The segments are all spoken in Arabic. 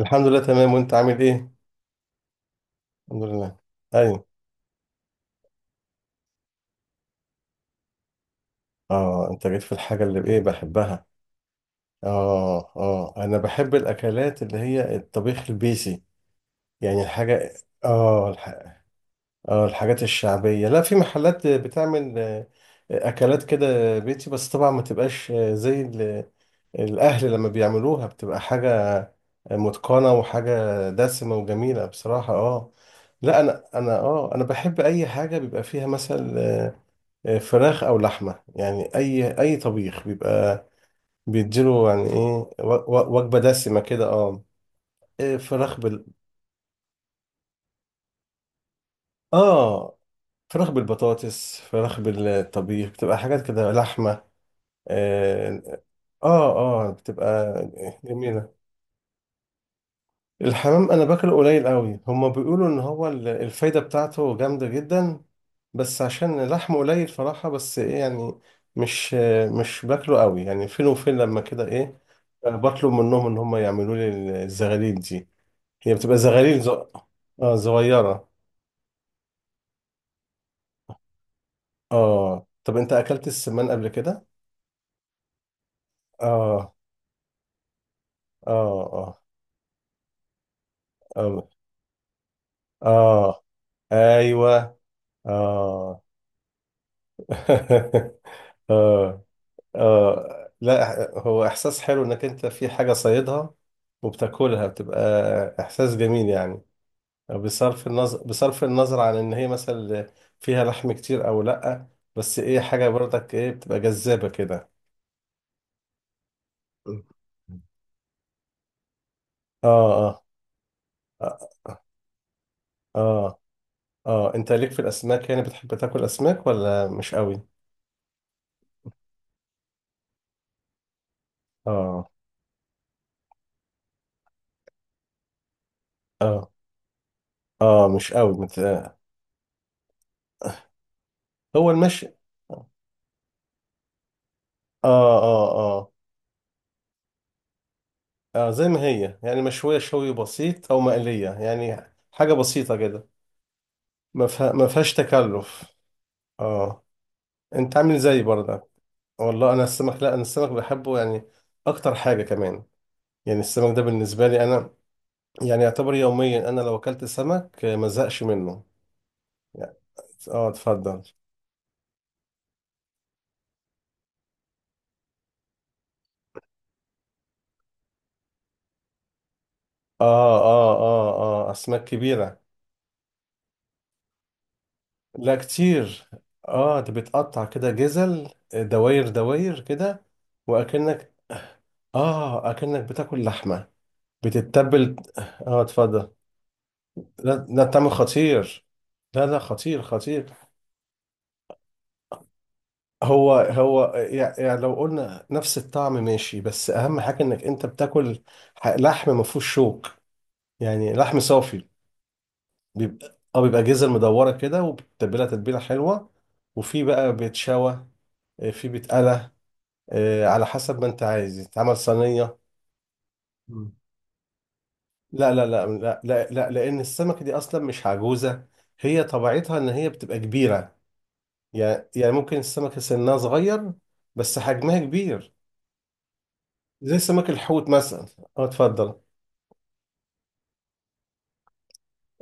الحمد لله، تمام. وانت عامل ايه؟ الحمد لله. ايوه. اه، انت جيت في الحاجه اللي ايه بحبها. اه اه، انا بحب الاكلات اللي هي الطبيخ البيسي، يعني الحاجه. اه اه الحاجات الشعبيه، لا، في محلات بتعمل اكلات كده بيتي، بس طبعا ما تبقاش الاهل لما بيعملوها بتبقى حاجه متقنه وحاجه دسمه وجميله بصراحه. اه. لا انا بحب اي حاجه بيبقى فيها مثلا فراخ او لحمه، يعني اي طبيخ بيبقى بيديله يعني ايه وجبه دسمه كده. اه. إيه، فراخ بال اه فراخ بالبطاطس، فراخ بالطبيخ، بتبقى حاجات كده لحمه. اه. اه آه، بتبقى جميله. الحمام انا باكله قليل قوي، هما بيقولوا ان هو الفايدة بتاعته جامدة جدا، بس عشان لحمه قليل صراحة، بس ايه يعني، مش مش باكله قوي، يعني فين وفين لما كده ايه. آه، بطلب منهم ان هما يعملوا لي الزغاليل دي، هي بتبقى اه صغيرة. اه، طب انت اكلت السمان قبل كده؟ اه اه اه اه, آه. ايوه. اه. اه. اه، لا، هو احساس حلو انك انت في حاجه صيدها وبتاكلها، بتبقى احساس جميل يعني، بصرف النظر عن ان هي مثلا فيها لحم كتير او لا، بس ايه، حاجه برضك ايه بتبقى جذابه كده. اه اه اه اه اه انت ليك في الاسماك؟ يعني بتحب تاكل اسماك ولا مش قوي؟ اه. اه اه مش قوي هو المشي. اه. اه آه. اه، زي ما هي يعني مشوية شوي بسيط او مقلية يعني، حاجة بسيطة كده، ما فيهاش تكلف. اه. انت عامل زي برضه؟ والله انا السمك لا انا السمك بحبه يعني اكتر حاجة كمان، يعني السمك ده بالنسبة لي انا يعني يعتبر يوميا، انا لو اكلت سمك ما زهقش منه يعني. اه، اتفضل. اه اسماك كبيرة. لا كتير. اه، ده بتقطع كده جزل، آه، دواير دواير كده. واكنك اه اكنك بتاكل لحمة. بتتبل. اه، اتفضل. لا لا، طعم خطير. لا لا، خطير خطير. هو يعني لو قلنا نفس الطعم ماشي، بس اهم حاجه انك انت بتاكل لحم ما فيهوش شوك، يعني لحم صافي، بيبقى اه بيبقى جزر مدوره كده، وبتتبلها تتبيله حلوه، وفي بقى بيتشوى، آه، في بيتقلى، آه، على حسب ما انت عايز يتعمل صينيه. مم. لا لا لا لا لا، لان السمكه دي اصلا مش عجوزه، هي طبيعتها ان هي بتبقى كبيره، يعني ممكن السمكة سنها صغير بس حجمها كبير، زي سمك الحوت مثلا. اه، اتفضل.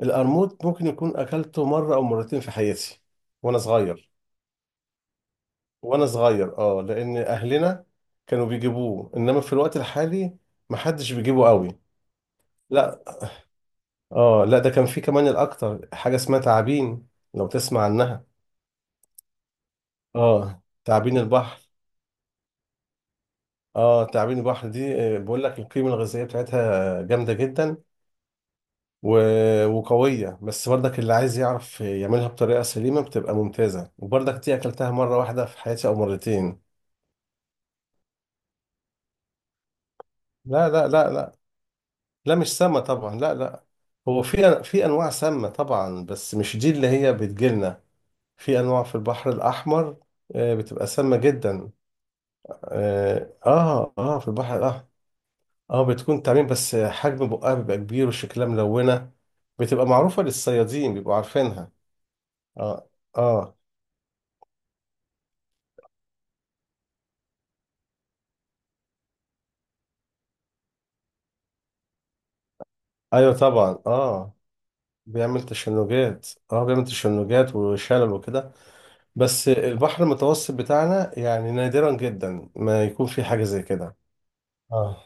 القرموط ممكن يكون أكلته مرة أو مرتين في حياتي، وأنا صغير. لأن أهلنا كانوا بيجيبوه، إنما في الوقت الحالي محدش بيجيبه قوي. لا. اه، لا، ده كان في كمان الأكتر، حاجة اسمها تعابين، لو تسمع عنها. اه، تعابين البحر. اه، تعابين البحر دي بقول لك القيمة الغذائية بتاعتها جامدة جدا وقوية، بس برضك اللي عايز يعرف يعملها بطريقة سليمة بتبقى ممتازة، وبرضك دي أكلتها مرة واحدة في حياتي أو مرتين. لا لا لا لا، لا مش سامة طبعا، لا لا. هو في في أنواع سامة طبعا بس مش دي اللي هي بتجيلنا، في أنواع في البحر الأحمر، آه، بتبقى سامة جدا. اه اه آه، في البحر الأحمر. اه، بتكون تعميم بس حجم بقها بيبقى كبير وشكلها ملونة، بتبقى معروفة للصيادين، بيبقوا عارفينها. اه. اه. ايوه طبعا، اه، بيعمل تشنجات، اه، بيعمل تشنجات وشلل وكده. بس البحر المتوسط بتاعنا يعني نادرا جدا ما يكون في حاجة زي كده. اه.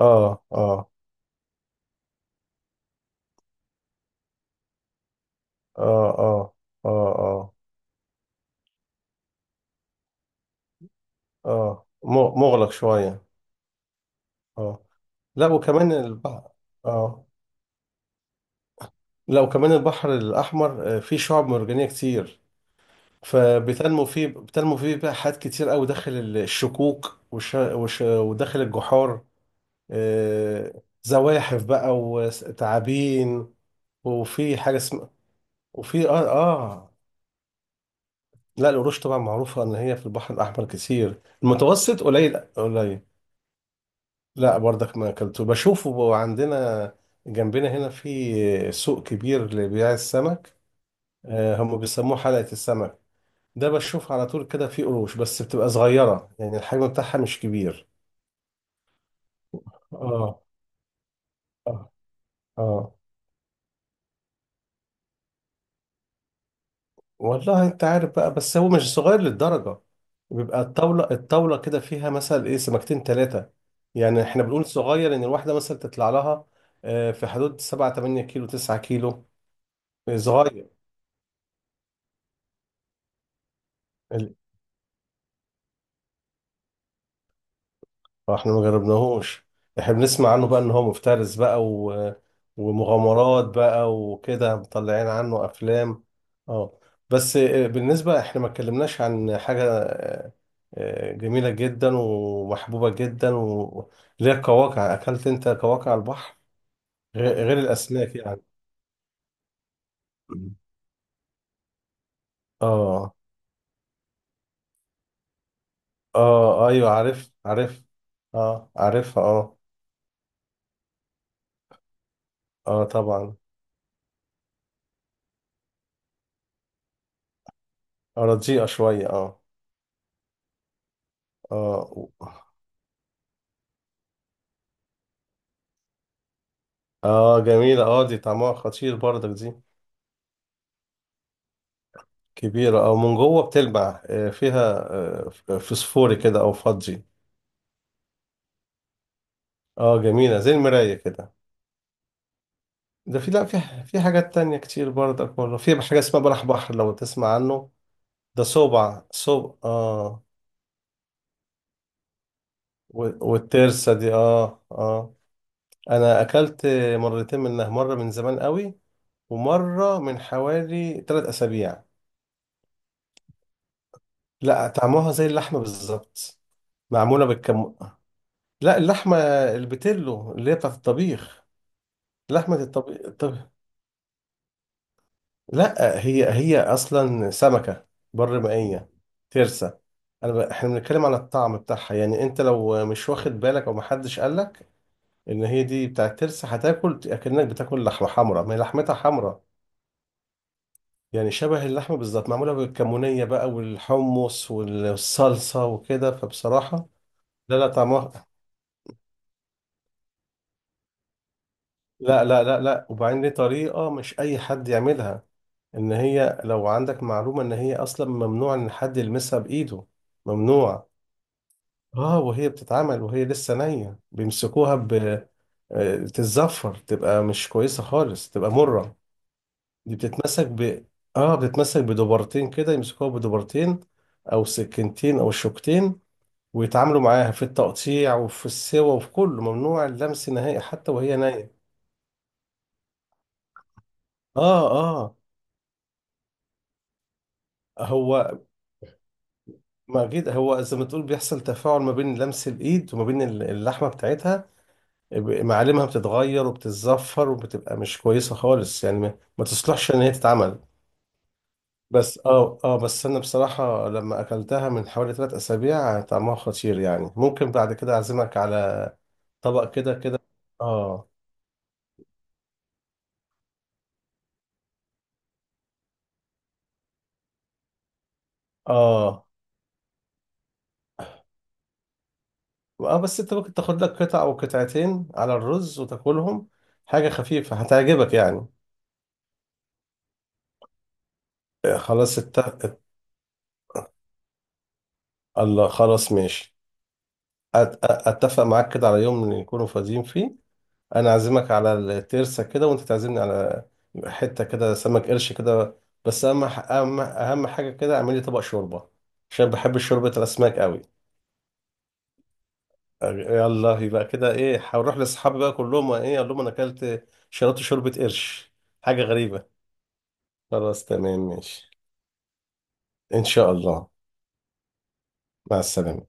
اه اه اه اه اه اه اه مغلق شوية. اه، لا وكمان البحر، اه، لا وكمان البحر الأحمر آه، فيه شعاب مرجانية كتير، فبتنمو فيه بقى حاجات كتير قوي داخل الشكوك وداخل الجحار، آه، زواحف بقى وتعابين. وفي حاجة اسمها، وفي اه اه. لا، القروش طبعا معروفة ان هي في البحر الأحمر كتير، المتوسط قليل قليل. لا برضك ما اكلته، بشوفه عندنا جنبنا هنا في سوق كبير لبيع السمك، آه، هم بيسموه حلقة السمك، ده بشوف على طول كده في قروش، بس بتبقى صغيرة يعني الحجم بتاعها مش كبير. اه اه. اه، والله انت عارف بقى، بس هو مش صغير للدرجة، بيبقى الطاولة كده فيها مثلا ايه سمكتين ثلاثة، يعني احنا بنقول صغير ان الواحدة مثلا تطلع لها آه، في حدود 7 8 كيلو 9 كيلو صغير، فاحنا ما جربناهوش، احنا بنسمع عنه بقى ان هو مفترس بقى ومغامرات بقى وكده، مطلعين عنه افلام. اه. بس آه، بالنسبة احنا ما اتكلمناش عن حاجة آه، آه، جميلة جدا ومحبوبة جدا اللي هي القواقع، اكلت انت قواقع على البحر؟ غير غير الاسماك يعني. اه. اه، ايوه عارف عارف، اه عارفها اه. اه طبعا. آه، رديئة شوية اه. اه. اه جميلة، اه، دي طعمها خطير برضك دي. كبيرة، او من جوه بتلمع آه، فيها آه، فسفوري كده او فضي. اه جميلة زي المراية كده. ده في لا في في حاجات تانية كتير برضك والله، في حاجة اسمها بلح بحر، لو تسمع عنه. ده صوبع صوب اه. والترسة دي اه. اه، انا اكلت مرتين منها، مرة من زمان قوي، ومرة من حوالي ثلاث اسابيع. لا طعمها زي اللحمة بالظبط، معمولة. لا اللحمة البتلو اللي هي بتاعت الطبيخ. لحمة الطبيخ الطب... لا هي هي أصلا سمكة بر مائية، ترسة. إحنا بنتكلم على الطعم بتاعها، يعني أنت لو مش واخد بالك أو محدش قالك إن هي دي بتاعت ترسة، هتاكل أكنك بتاكل لحمة حمرا، ما هي لحمتها حمرا، يعني شبه اللحمة بالظبط، معمولة بالكمونية بقى والحمص والصلصة وكده، فبصراحة. لا لا طعمها لا لا لا لا، وبعدين دي طريقة مش أي حد يعملها، ان هي لو عندك معلومة ان هي اصلا ممنوع ان حد يلمسها بايده، ممنوع. اه، وهي بتتعمل وهي لسه نية بيمسكوها ب، آه، تتزفر، تبقى مش كويسة خالص، تبقى مرة. دي بتتمسك ب، اه بتتمسك بدبرتين كده، يمسكوها بدبرتين او سكينتين او شوكتين، ويتعاملوا معاها في التقطيع وفي السوا وفي كله، ممنوع اللمس نهائي حتى وهي نية. اه. اه. هو ما أكيد هو زي ما تقول بيحصل تفاعل ما بين لمس الإيد وما بين اللحمة بتاعتها، معالمها بتتغير وبتتزفر وبتبقى مش كويسة خالص، يعني ما تصلحش إن هي تتعمل. بس اه اه بس أنا بصراحة لما أكلتها من حوالي ثلاث أسابيع طعمها خطير، يعني ممكن بعد كده أعزمك على طبق كده كده. اه. اه. اه، بس أنت ممكن تاخد لك قطعة أو قطعتين على الرز وتاكلهم، حاجة خفيفة هتعجبك يعني. آه، خلاص الت... الله، خلاص ماشي. اتفق معاك كده على يوم نكونوا فاضيين فيه، انا اعزمك على الترسه كده وانت تعزمني على حته كده سمك قرش كده. بس اهم ح- اهم اهم حاجه كده اعمل لي طبق شوربه، عشان بحب شوربه الاسماك قوي. يلا يبقى كده ايه، هروح لاصحابي بقى كلهم ايه، اقول لهم انا اكلت شربت شوربه قرش، حاجه غريبه. خلاص تمام ماشي، ان شاء الله. مع السلامه.